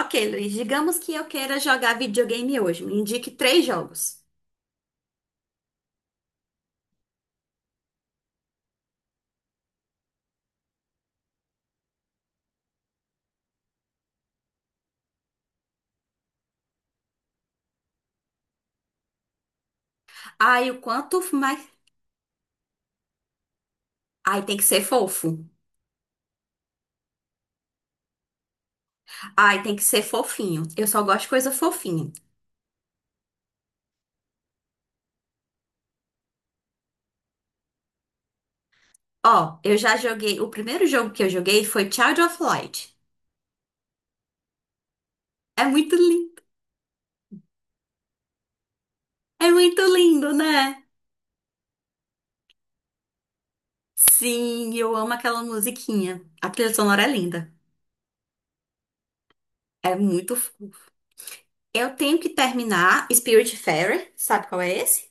Ok, Luiz, digamos que eu queira jogar videogame hoje. Me indique três jogos. Ai, o quanto mais. Ai, tem que ser fofo. Ai, tem que ser fofinho. Eu só gosto de coisa fofinha. Ó, eu já joguei. O primeiro jogo que eu joguei foi Child of Light. É muito lindo. É muito lindo, né? Sim, eu amo aquela musiquinha. A trilha sonora é linda. É muito. Eu tenho que terminar Spiritfarer. Sabe qual é esse?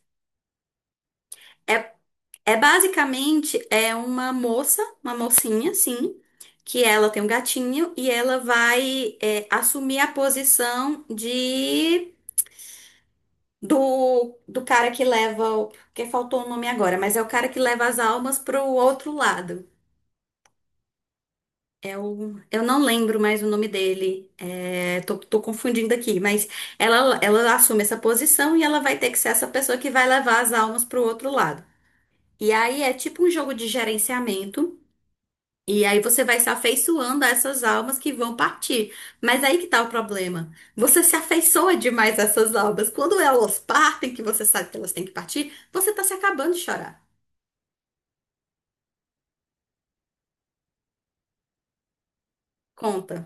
É É, basicamente é uma moça, uma mocinha, sim, que ela tem um gatinho e ela vai assumir a posição de do cara que leva, porque faltou o nome agora, mas é o cara que leva as almas pro outro lado. É o, eu não lembro mais o nome dele. É, tô confundindo aqui, mas ela assume essa posição e ela vai ter que ser essa pessoa que vai levar as almas pro outro lado. E aí é tipo um jogo de gerenciamento. E aí você vai se afeiçoando a essas almas que vão partir. Mas aí que tá o problema. Você se afeiçoa demais a essas almas. Quando elas partem, que você sabe que elas têm que partir, você tá se acabando de chorar. Conta,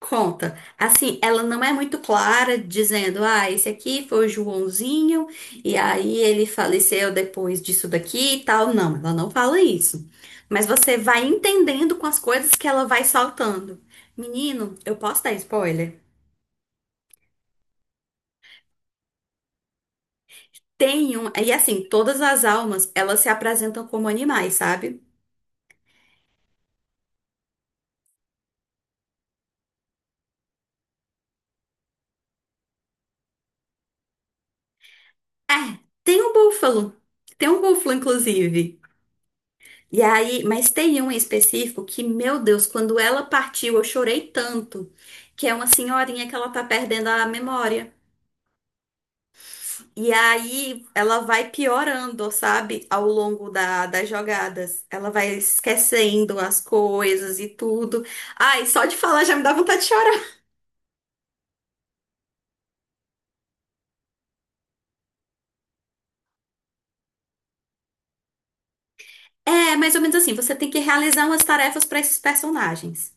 conta. Assim, ela não é muito clara dizendo, ah, esse aqui foi o Joãozinho, e aí ele faleceu depois disso daqui e tal. Não, ela não fala isso. Mas você vai entendendo com as coisas que ela vai soltando. Menino, eu posso dar spoiler? Tem um, e assim, todas as almas, elas se apresentam como animais, sabe? É, tem um búfalo. Tem um búfalo, inclusive. E aí, mas tem um em específico que, meu Deus, quando ela partiu, eu chorei tanto, que é uma senhorinha que ela tá perdendo a memória. E aí, ela vai piorando, sabe? Ao longo das jogadas. Ela vai esquecendo as coisas e tudo. Ai, só de falar já me dá vontade de chorar. É mais ou menos assim, você tem que realizar umas tarefas para esses personagens.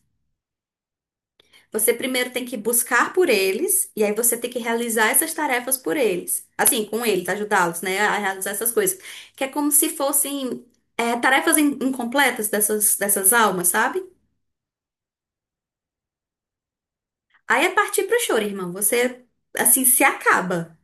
Você primeiro tem que buscar por eles, e aí você tem que realizar essas tarefas por eles. Assim, com eles, ajudá-los, né, a realizar essas coisas. Que é como se fossem tarefas incompletas dessas almas, sabe? Aí é partir pro choro, irmão. Você, assim, se acaba.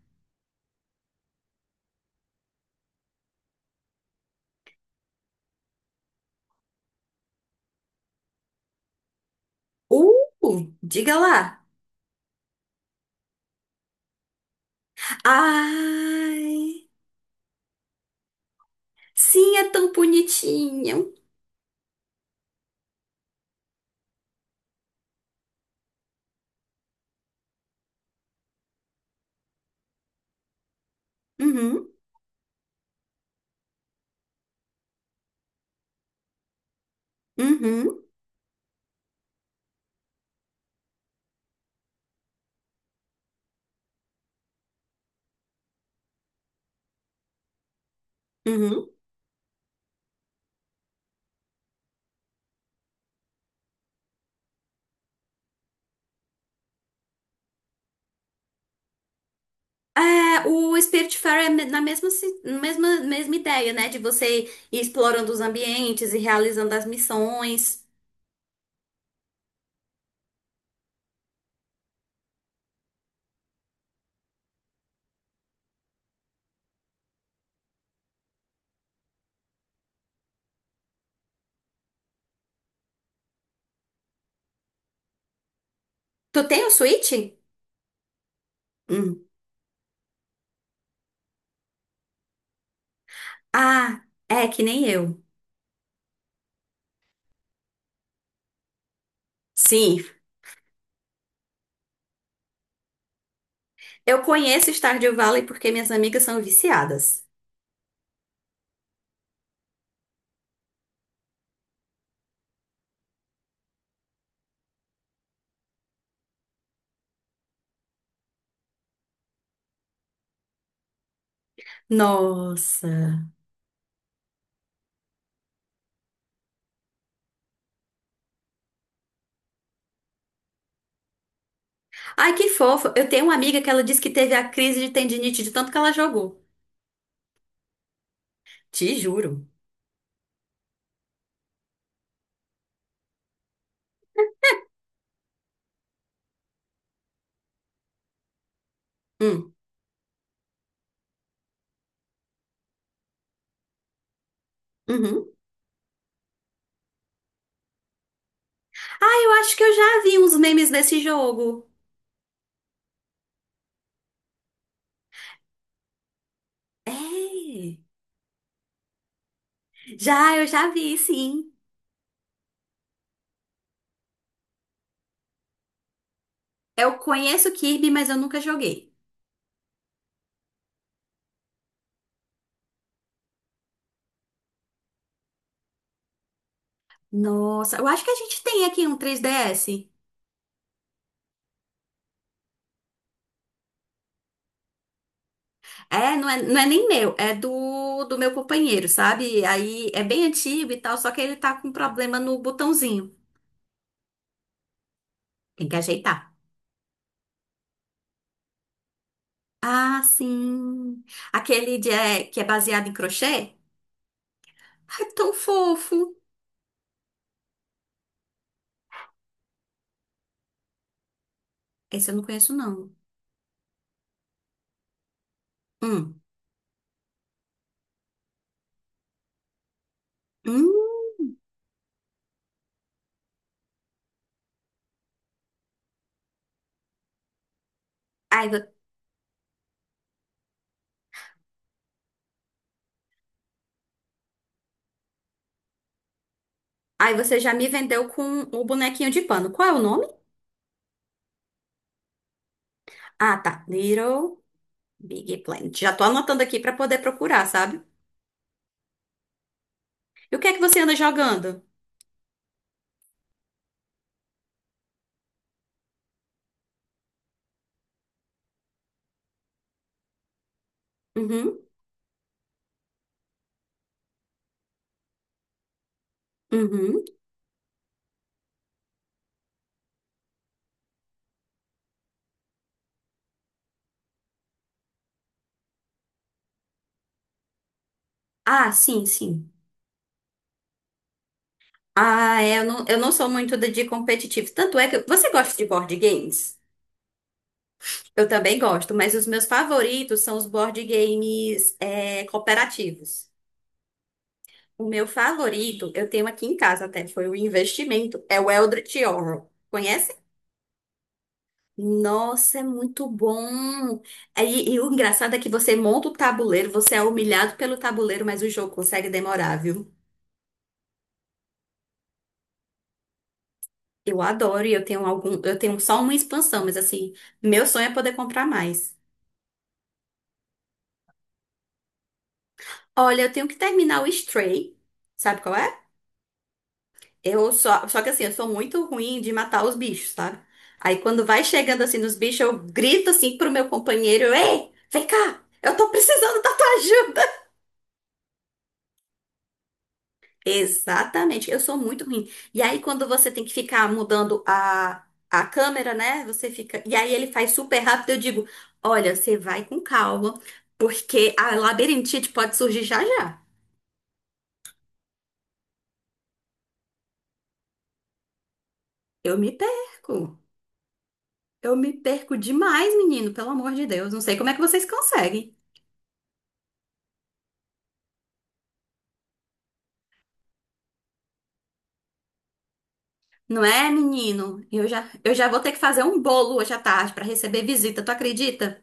Diga lá. Ai, sim, é tão bonitinho. Uhum, uhum, uhum. É, o Spiritfarer é na mesma, mesma ideia, né? De você ir explorando os ambientes e realizando as missões. Tu tem o Switch? Hum. Ah, é que nem eu. Sim, eu conheço Stardew Valley porque minhas amigas são viciadas. Nossa. Ai, que fofo. Eu tenho uma amiga que ela disse que teve a crise de tendinite de tanto que ela jogou. Te juro. Hum. Uhum. Ah, eu acho que eu já vi uns memes desse jogo. É. Já, eu já vi, sim. Eu conheço o Kirby, mas eu nunca joguei. Nossa, eu acho que a gente tem aqui um 3DS. É, não é nem meu, é do meu companheiro, sabe? Aí é bem antigo e tal, só que ele tá com problema no botãozinho. Tem que ajeitar. Ah, sim. Aquele de, que é baseado em crochê? Ai, tão fofo. Esse eu não conheço, não. Hum. Hum. Aí, você já me vendeu com o bonequinho de pano. Qual é o nome? Ah, tá. Little Big Planet. Já tô anotando aqui pra poder procurar, sabe? E o que é que você anda jogando? Uhum, uhum. Ah, sim, sim. Ah, é, eu não sou muito de competitivo. Tanto é que. Você gosta de board games? Eu também gosto, mas os meus favoritos são os board games, cooperativos. O meu favorito, eu tenho aqui em casa até, foi o investimento, é o Eldritch Horror. Conhece? Nossa, é muito bom. E o engraçado é que você monta o tabuleiro, você é humilhado pelo tabuleiro, mas o jogo consegue demorar, viu? Eu adoro e eu tenho algum, eu tenho só uma expansão, mas assim, meu sonho é poder comprar mais. Olha, eu tenho que terminar o Stray, sabe qual é? Eu só que assim, eu sou muito ruim de matar os bichos, sabe? Aí quando vai chegando assim nos bichos, eu grito assim pro meu companheiro, ei, vem cá, eu tô precisando da tua ajuda. Exatamente, eu sou muito ruim. E aí, quando você tem que ficar mudando a, câmera, né? Você fica. E aí ele faz super rápido, eu digo: olha, você vai com calma, porque a labirintite pode surgir já já. Eu me perco. Eu me perco demais, menino, pelo amor de Deus. Não sei como é que vocês conseguem. Não é, menino? Eu já vou ter que fazer um bolo hoje à tarde para receber visita, tu acredita?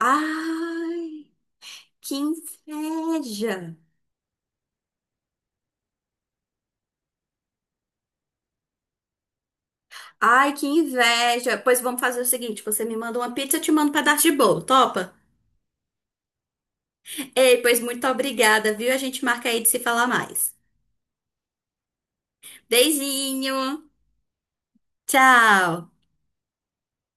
Ai, que inveja! Ai, que inveja! Pois vamos fazer o seguinte: você me manda uma pizza, eu te mando um pedaço de bolo, topa? Ei, pois muito obrigada, viu? A gente marca aí de se falar mais. Beijinho! Tchau!